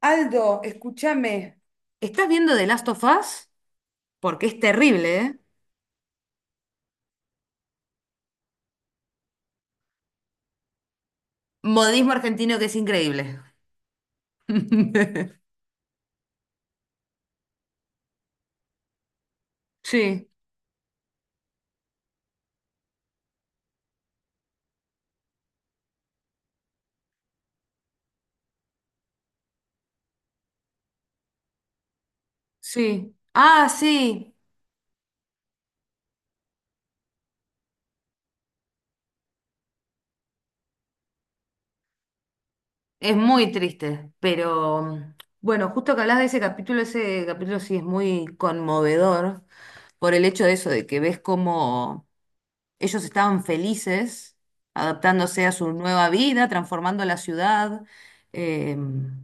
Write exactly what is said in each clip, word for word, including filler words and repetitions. Aldo, escúchame. ¿Estás viendo The Last of Us? Porque es terrible, ¿eh? Modismo argentino que es increíble. Sí, sí. Ah, sí. Es muy triste, pero bueno, justo que hablas de ese capítulo, ese capítulo sí es muy conmovedor por el hecho de eso, de que ves cómo ellos estaban felices adaptándose a su nueva vida, transformando la ciudad eh,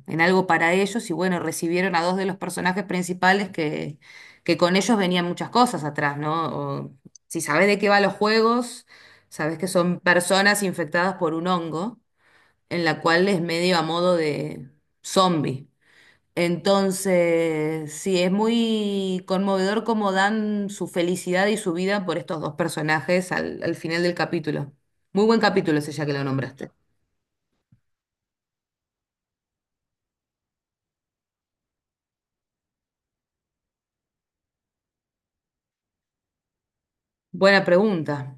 en algo para ellos. Y bueno, recibieron a dos de los personajes principales que, que con ellos venían muchas cosas atrás, ¿no? O, si sabes de qué va los juegos, sabes que son personas infectadas por un hongo, en la cual es medio a modo de zombie. Entonces, sí, es muy conmovedor cómo dan su felicidad y su vida por estos dos personajes al, al final del capítulo. Muy buen capítulo ese ya que lo nombraste. Buena pregunta.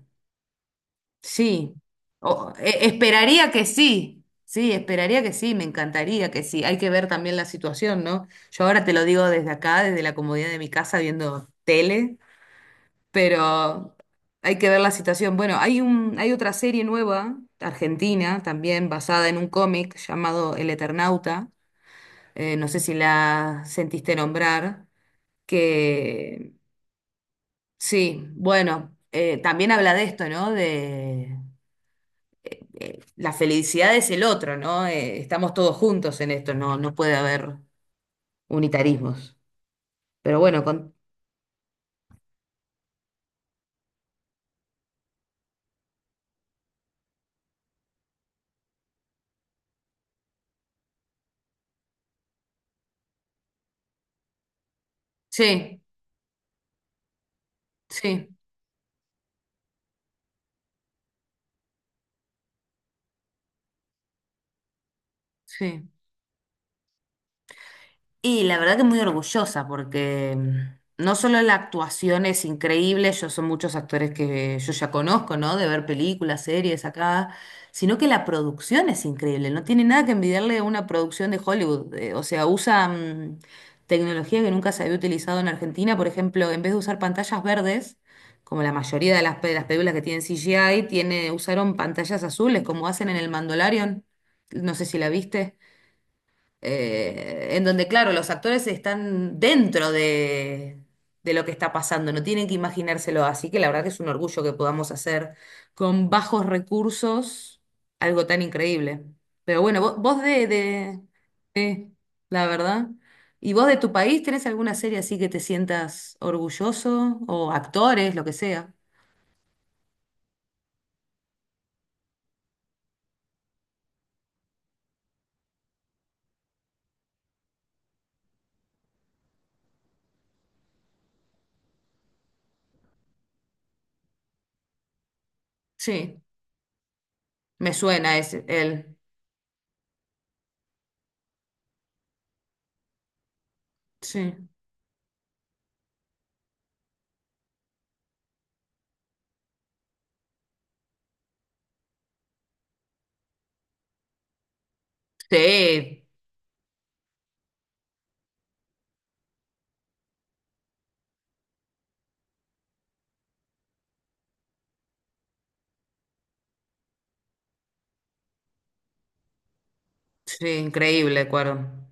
Sí. O- e- esperaría que sí. Sí, esperaría que sí, me encantaría que sí. Hay que ver también la situación, ¿no? Yo ahora te lo digo desde acá, desde la comodidad de mi casa, viendo tele, pero hay que ver la situación. Bueno, hay un, hay otra serie nueva, argentina, también basada en un cómic llamado El Eternauta. Eh, no sé si la sentiste nombrar, que sí, bueno, eh, también habla de esto, ¿no? De eh, la felicidad es el otro, ¿no? Eh, estamos todos juntos en esto, no, no puede haber unitarismos. Pero bueno, con... sí, sí, sí. Y la verdad que muy orgullosa porque mm, no solo la actuación es increíble, yo son muchos actores que yo ya conozco, ¿no? De ver películas, series acá, sino que la producción es increíble, no tiene nada que envidiarle a una producción de Hollywood, eh, o sea, usa mm, tecnología que nunca se había utilizado en Argentina, por ejemplo, en vez de usar pantallas verdes, como la mayoría de las, pe- las películas que tienen C G I, tiene, usaron pantallas azules, como hacen en el Mandalorian, no sé si la viste, eh, en donde, claro, los actores están dentro de, de lo que está pasando, no tienen que imaginárselo. Así que la verdad que es un orgullo que podamos hacer con bajos recursos algo tan increíble. Pero bueno, vos, vos de, de, de- la verdad. ¿Y vos de tu país tenés alguna serie así que te sientas orgulloso? O actores, lo que sea. Sí, me suena ese, él. Sí. Sí, sí, increíble, Cuarón.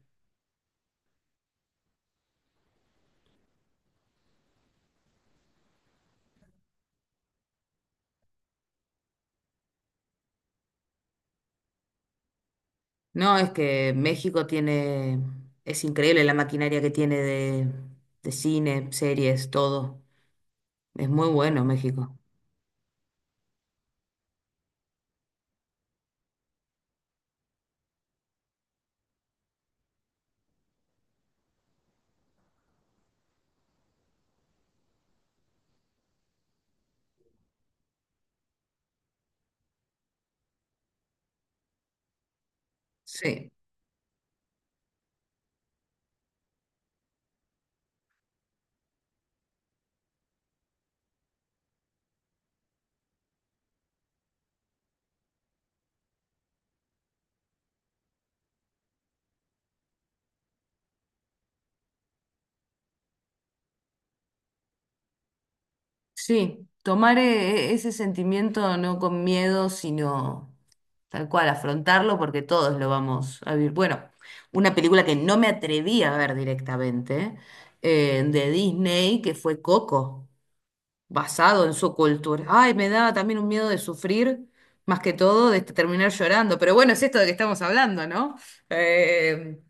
No, es que México tiene, es increíble la maquinaria que tiene de, de cine, series, todo. Es muy bueno México. Sí, sí, tomar eh, ese sentimiento no con miedo, sino tal cual, afrontarlo porque todos lo vamos a vivir. Bueno, una película que no me atreví a ver directamente, eh, de Disney, que fue Coco, basado en su cultura. Ay, me da también un miedo de sufrir, más que todo de este, terminar llorando. Pero bueno, es esto de que estamos hablando, ¿no? Eh,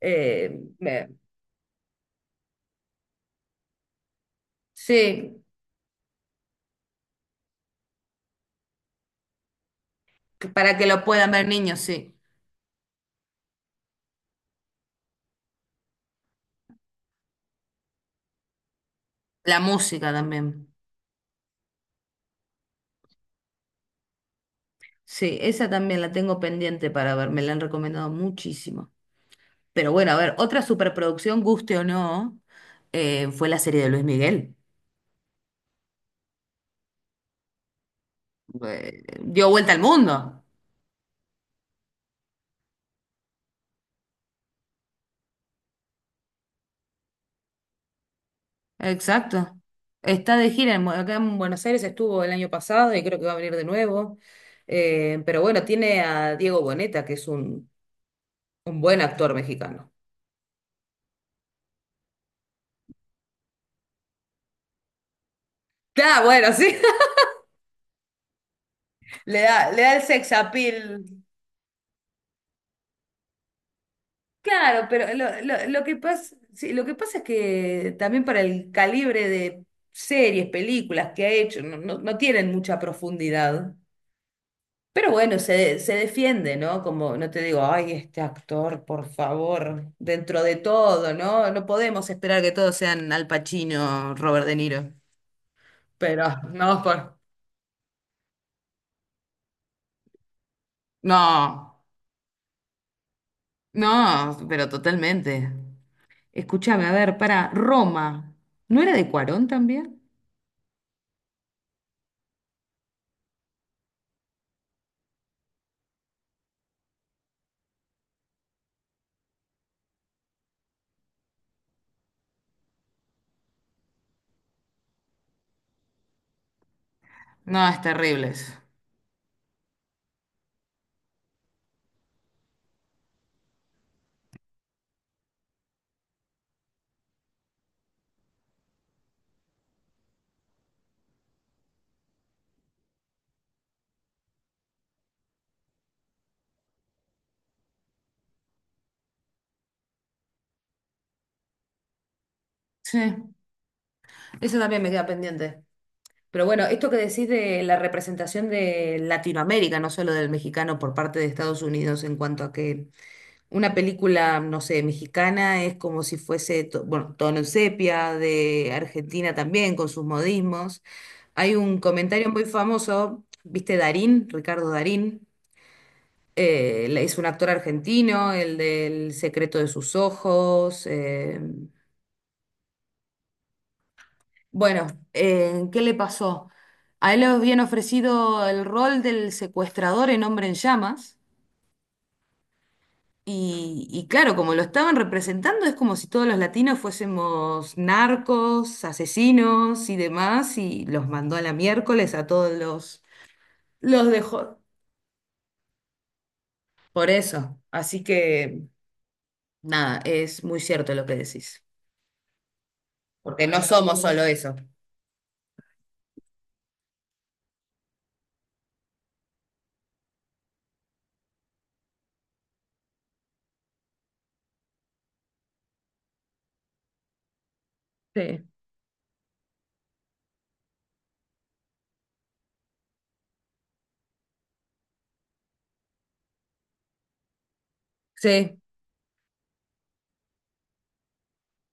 eh, me- sí, que para que lo puedan ver niños, sí. La música también. Sí, esa también la tengo pendiente para ver, me la han recomendado muchísimo. Pero bueno, a ver, otra superproducción, guste o no, eh, fue la serie de Luis Miguel. Eh, dio vuelta al mundo. Exacto. Está de gira en Bu- acá en Buenos Aires, estuvo el año pasado y creo que va a venir de nuevo. Eh, pero bueno, tiene a Diego Boneta, que es un, un buen actor mexicano. Claro, bueno, sí. Le da, le da el sex appeal. Claro, pero lo, lo, lo que pasa, sí, lo que pasa es que también para el calibre de series, películas que ha hecho, no, no, no tienen mucha profundidad. Pero bueno, se, de- se defiende, ¿no? Como no te digo, ay, este actor, por favor, dentro de todo, ¿no? No podemos esperar que todos sean Al Pacino, Robert De Niro. Pero no, por... No, no, pero totalmente. Escúchame, a ver, para Roma, ¿no era de Cuarón también? No, es terrible eso. Sí, eso también me queda pendiente. Pero bueno, esto que decís de la representación de Latinoamérica, no solo del mexicano por parte de Estados Unidos en cuanto a que una película, no sé, mexicana es como si fuese, to- bueno, tono en sepia, de Argentina también, con sus modismos. Hay un comentario muy famoso, ¿viste Darín? Ricardo Darín. Eh, la- es un actor argentino, el del secreto de sus ojos. eh, Bueno, eh, ¿qué le pasó? A él le habían ofrecido el rol del secuestrador en Hombre en Llamas. Y, y claro, como lo estaban representando, es como si todos los latinos fuésemos narcos, asesinos y demás, y los mandó a la miércoles a todos los... Los dejó. Por eso. Así que nada, es muy cierto lo que decís. Porque no somos solo eso. Sí, sí,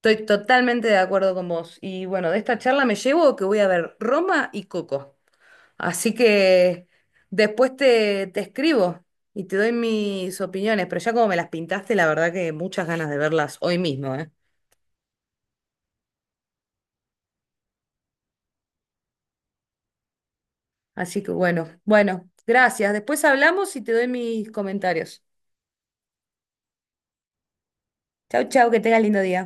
estoy totalmente de acuerdo con vos. Y bueno, de esta charla me llevo que voy a ver Roma y Coco. Así que después te, te escribo y te doy mis opiniones, pero ya como me las pintaste, la verdad que muchas ganas de verlas hoy mismo, ¿eh? Así que bueno, bueno, gracias. Después hablamos y te doy mis comentarios. Chau, chau, que tengas lindo día.